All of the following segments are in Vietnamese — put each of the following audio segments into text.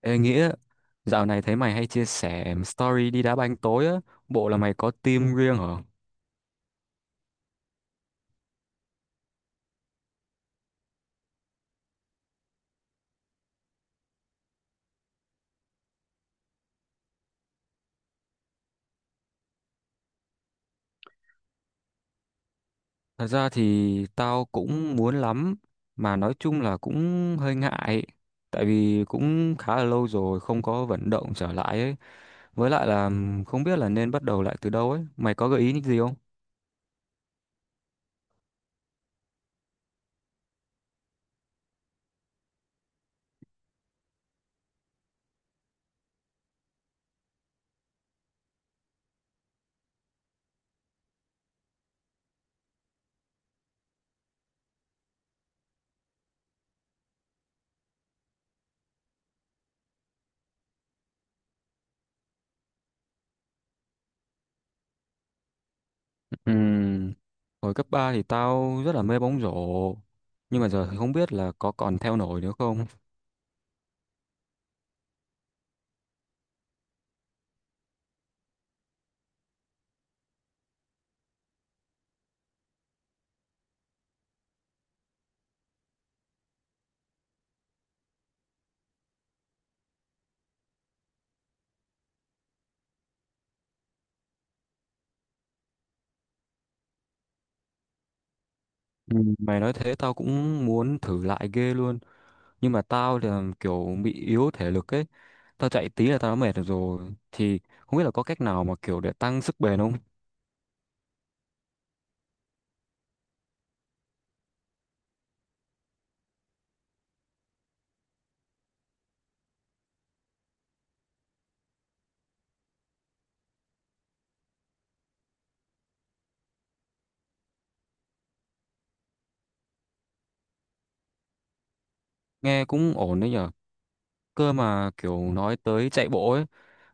Ê Nghĩa, dạo này thấy mày hay chia sẻ story đi đá banh tối á, bộ là mày có team riêng hả? Thật ra thì tao cũng muốn lắm, mà nói chung là cũng hơi ngại, tại vì cũng khá là lâu rồi không có vận động trở lại ấy. Với lại là không biết là nên bắt đầu lại từ đâu ấy, mày có gợi ý những gì không? Ừm, Hồi cấp 3 thì tao rất là mê bóng rổ, nhưng mà giờ thì không biết là có còn theo nổi nữa không? Mày nói thế tao cũng muốn thử lại ghê luôn. Nhưng mà tao thì là kiểu bị yếu thể lực ấy, tao chạy tí là tao đã mệt rồi thì không biết là có cách nào mà kiểu để tăng sức bền không? Nghe cũng ổn đấy nhở. Cơ mà kiểu nói tới chạy bộ ấy,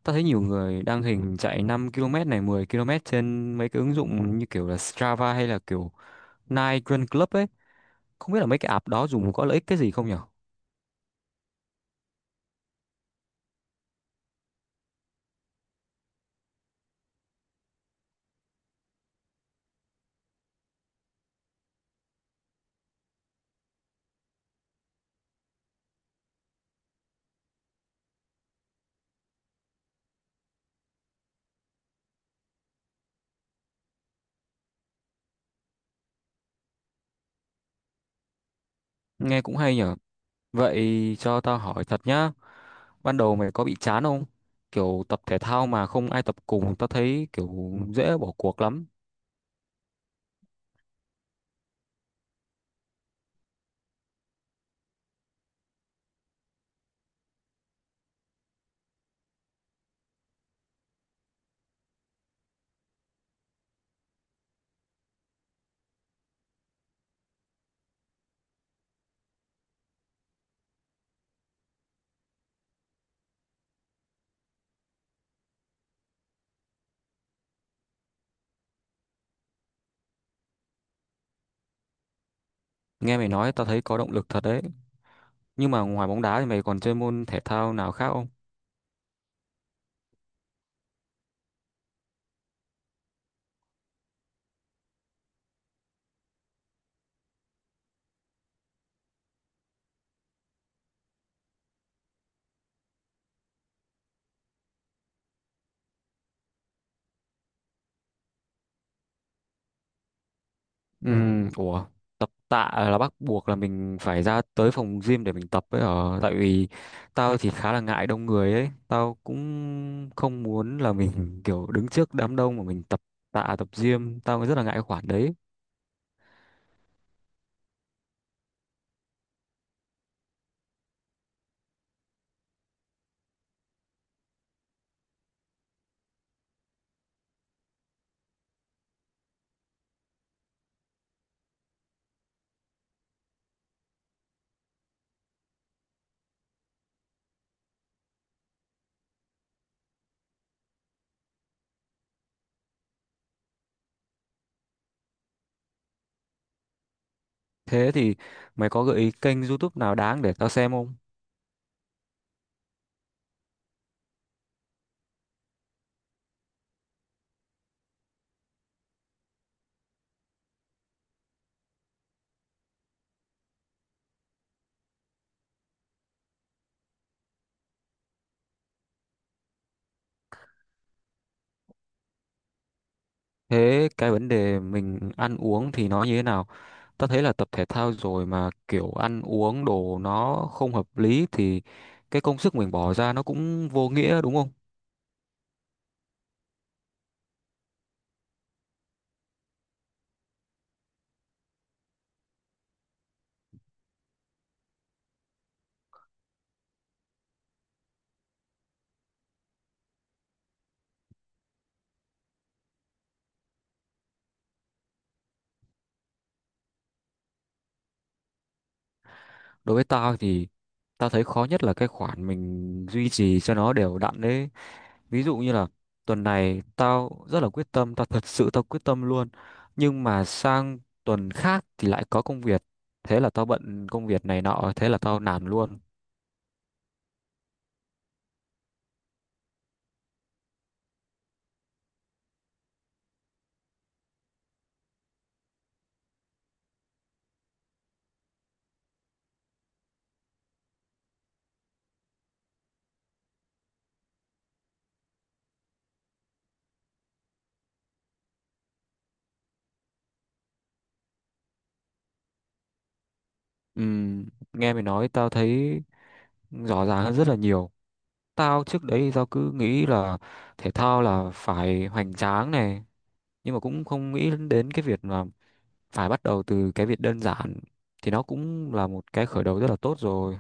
tao thấy nhiều người đăng hình chạy 5 km này 10 km trên mấy cái ứng dụng như kiểu là Strava hay là kiểu Nike Run Club ấy, không biết là mấy cái app đó dùng có lợi ích cái gì không nhở? Nghe cũng hay nhở. Vậy cho tao hỏi thật nhá, ban đầu mày có bị chán không? Kiểu tập thể thao mà không ai tập cùng, tao thấy kiểu dễ bỏ cuộc lắm. Nghe mày nói tao thấy có động lực thật đấy, nhưng mà ngoài bóng đá thì mày còn chơi môn thể thao nào khác không? Ừ. Ủa, tập tạ là bắt buộc là mình phải ra tới phòng gym để mình tập ấy ở, tại vì tao thì khá là ngại đông người ấy, tao cũng không muốn là mình kiểu đứng trước đám đông mà mình tập tạ, tập gym tao rất là ngại cái khoản đấy. Thế thì mày có gợi ý kênh YouTube nào đáng để tao xem không? Thế cái vấn đề mình ăn uống thì nó như thế nào? Ta thấy là tập thể thao rồi mà kiểu ăn uống đồ nó không hợp lý thì cái công sức mình bỏ ra nó cũng vô nghĩa đúng không? Đối với tao thì tao thấy khó nhất là cái khoản mình duy trì cho nó đều đặn đấy. Ví dụ như là tuần này tao rất là quyết tâm, tao thật sự tao quyết tâm luôn. Nhưng mà sang tuần khác thì lại có công việc. Thế là tao bận công việc này nọ, thế là tao nản luôn. Ừm, Nghe mày nói tao thấy rõ ràng hơn rất là nhiều. Tao trước đấy thì tao cứ nghĩ là thể thao là phải hoành tráng này, nhưng mà cũng không nghĩ đến cái việc là phải bắt đầu từ cái việc đơn giản thì nó cũng là một cái khởi đầu rất là tốt rồi.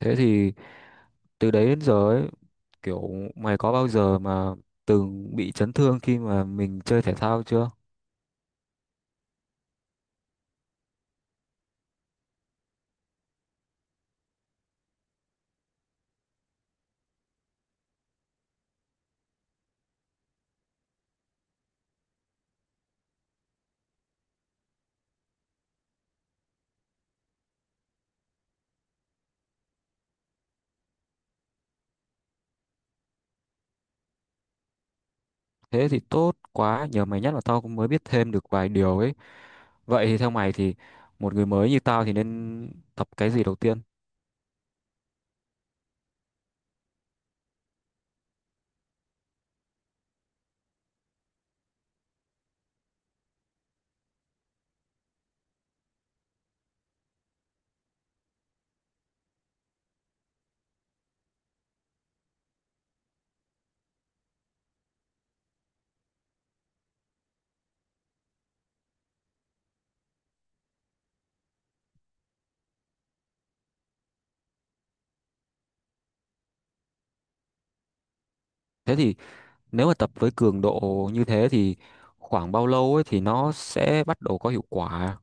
Thế thì từ đấy đến giờ ấy, kiểu mày có bao giờ mà từng bị chấn thương khi mà mình chơi thể thao chưa? Thế thì tốt quá, nhờ mày nhắc là tao cũng mới biết thêm được vài điều ấy. Vậy thì theo mày thì một người mới như tao thì nên tập cái gì đầu tiên? Thế thì nếu mà tập với cường độ như thế thì khoảng bao lâu ấy thì nó sẽ bắt đầu có hiệu quả?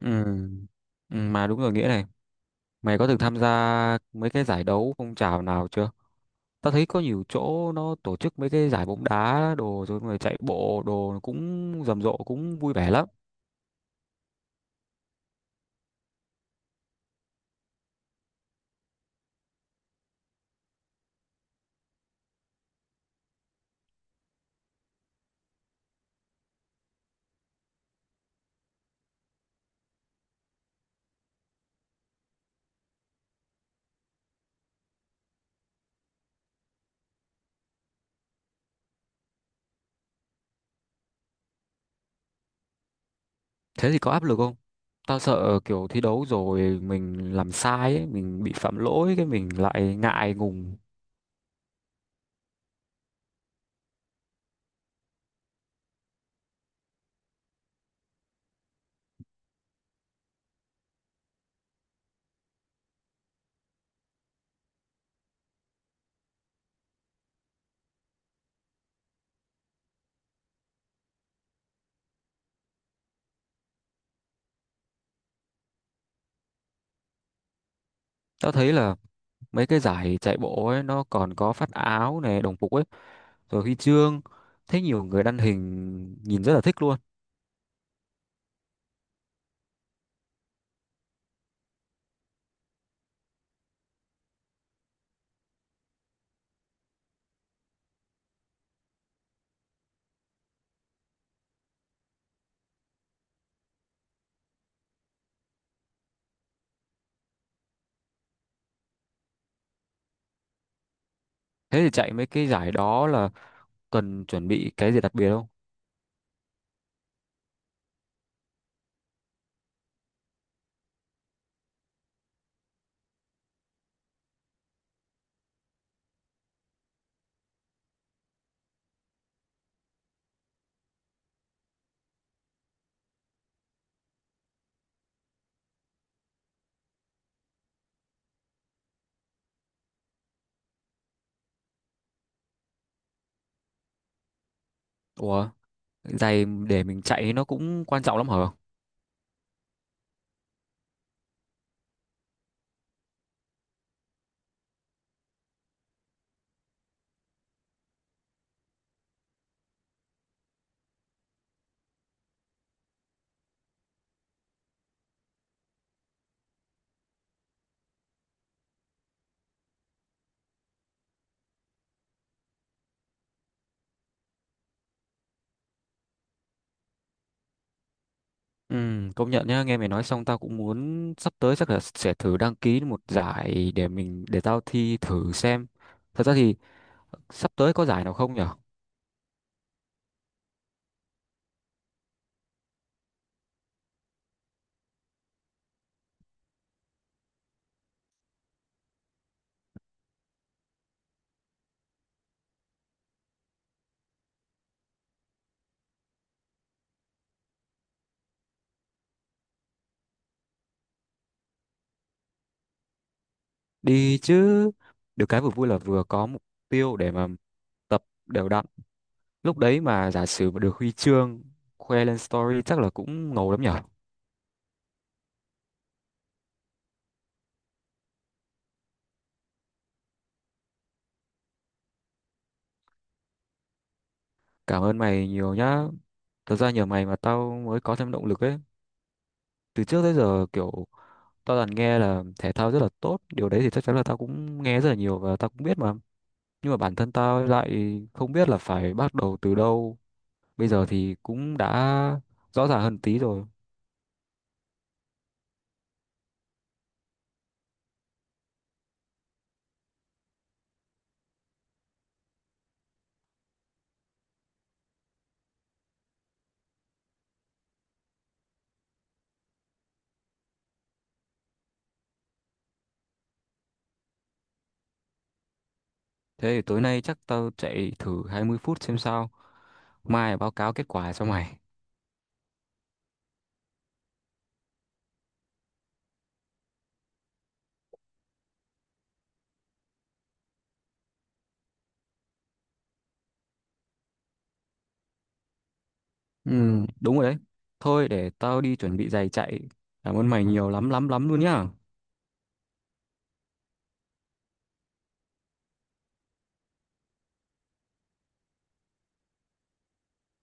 Ừ. Ừ mà đúng rồi Nghĩa này, mày có từng tham gia mấy cái giải đấu phong trào nào chưa? Tao thấy có nhiều chỗ nó tổ chức mấy cái giải bóng đá đồ rồi người chạy bộ đồ cũng rầm rộ cũng vui vẻ lắm. Thế thì có áp lực không? Tao sợ kiểu thi đấu rồi mình làm sai ấy, mình bị phạm lỗi cái mình lại ngại ngùng. Tao thấy là mấy cái giải chạy bộ ấy nó còn có phát áo này đồng phục ấy, rồi huy chương, thấy nhiều người đăng hình nhìn rất là thích luôn. Thế thì chạy mấy cái giải đó là cần chuẩn bị cái gì đặc biệt không? Ủa, giày để mình chạy nó cũng quan trọng lắm hả? Ừ, công nhận nhá, nghe mày nói xong tao cũng muốn sắp tới chắc là sẽ thử đăng ký một giải để mình để tao thi thử xem. Thật ra thì sắp tới có giải nào không nhở? Đi chứ, được cái vừa vui là vừa có mục tiêu để mà tập đều đặn. Lúc đấy mà giả sử mà được huy chương khoe lên story chắc là cũng ngầu lắm nhở. Cảm ơn mày nhiều nhá. Thật ra nhờ mày mà tao mới có thêm động lực ấy. Từ trước tới giờ kiểu tao toàn nghe là thể thao rất là tốt. Điều đấy thì chắc chắn là tao cũng nghe rất là nhiều và tao cũng biết mà. Nhưng mà bản thân tao lại không biết là phải bắt đầu từ đâu. Bây giờ thì cũng đã rõ ràng hơn tí rồi. Thế thì tối nay chắc tao chạy thử 20 phút xem sao. Mai báo cáo kết quả cho mày. Ừ, đúng rồi đấy. Thôi để tao đi chuẩn bị giày chạy. Cảm ơn mày nhiều lắm lắm lắm luôn nhá.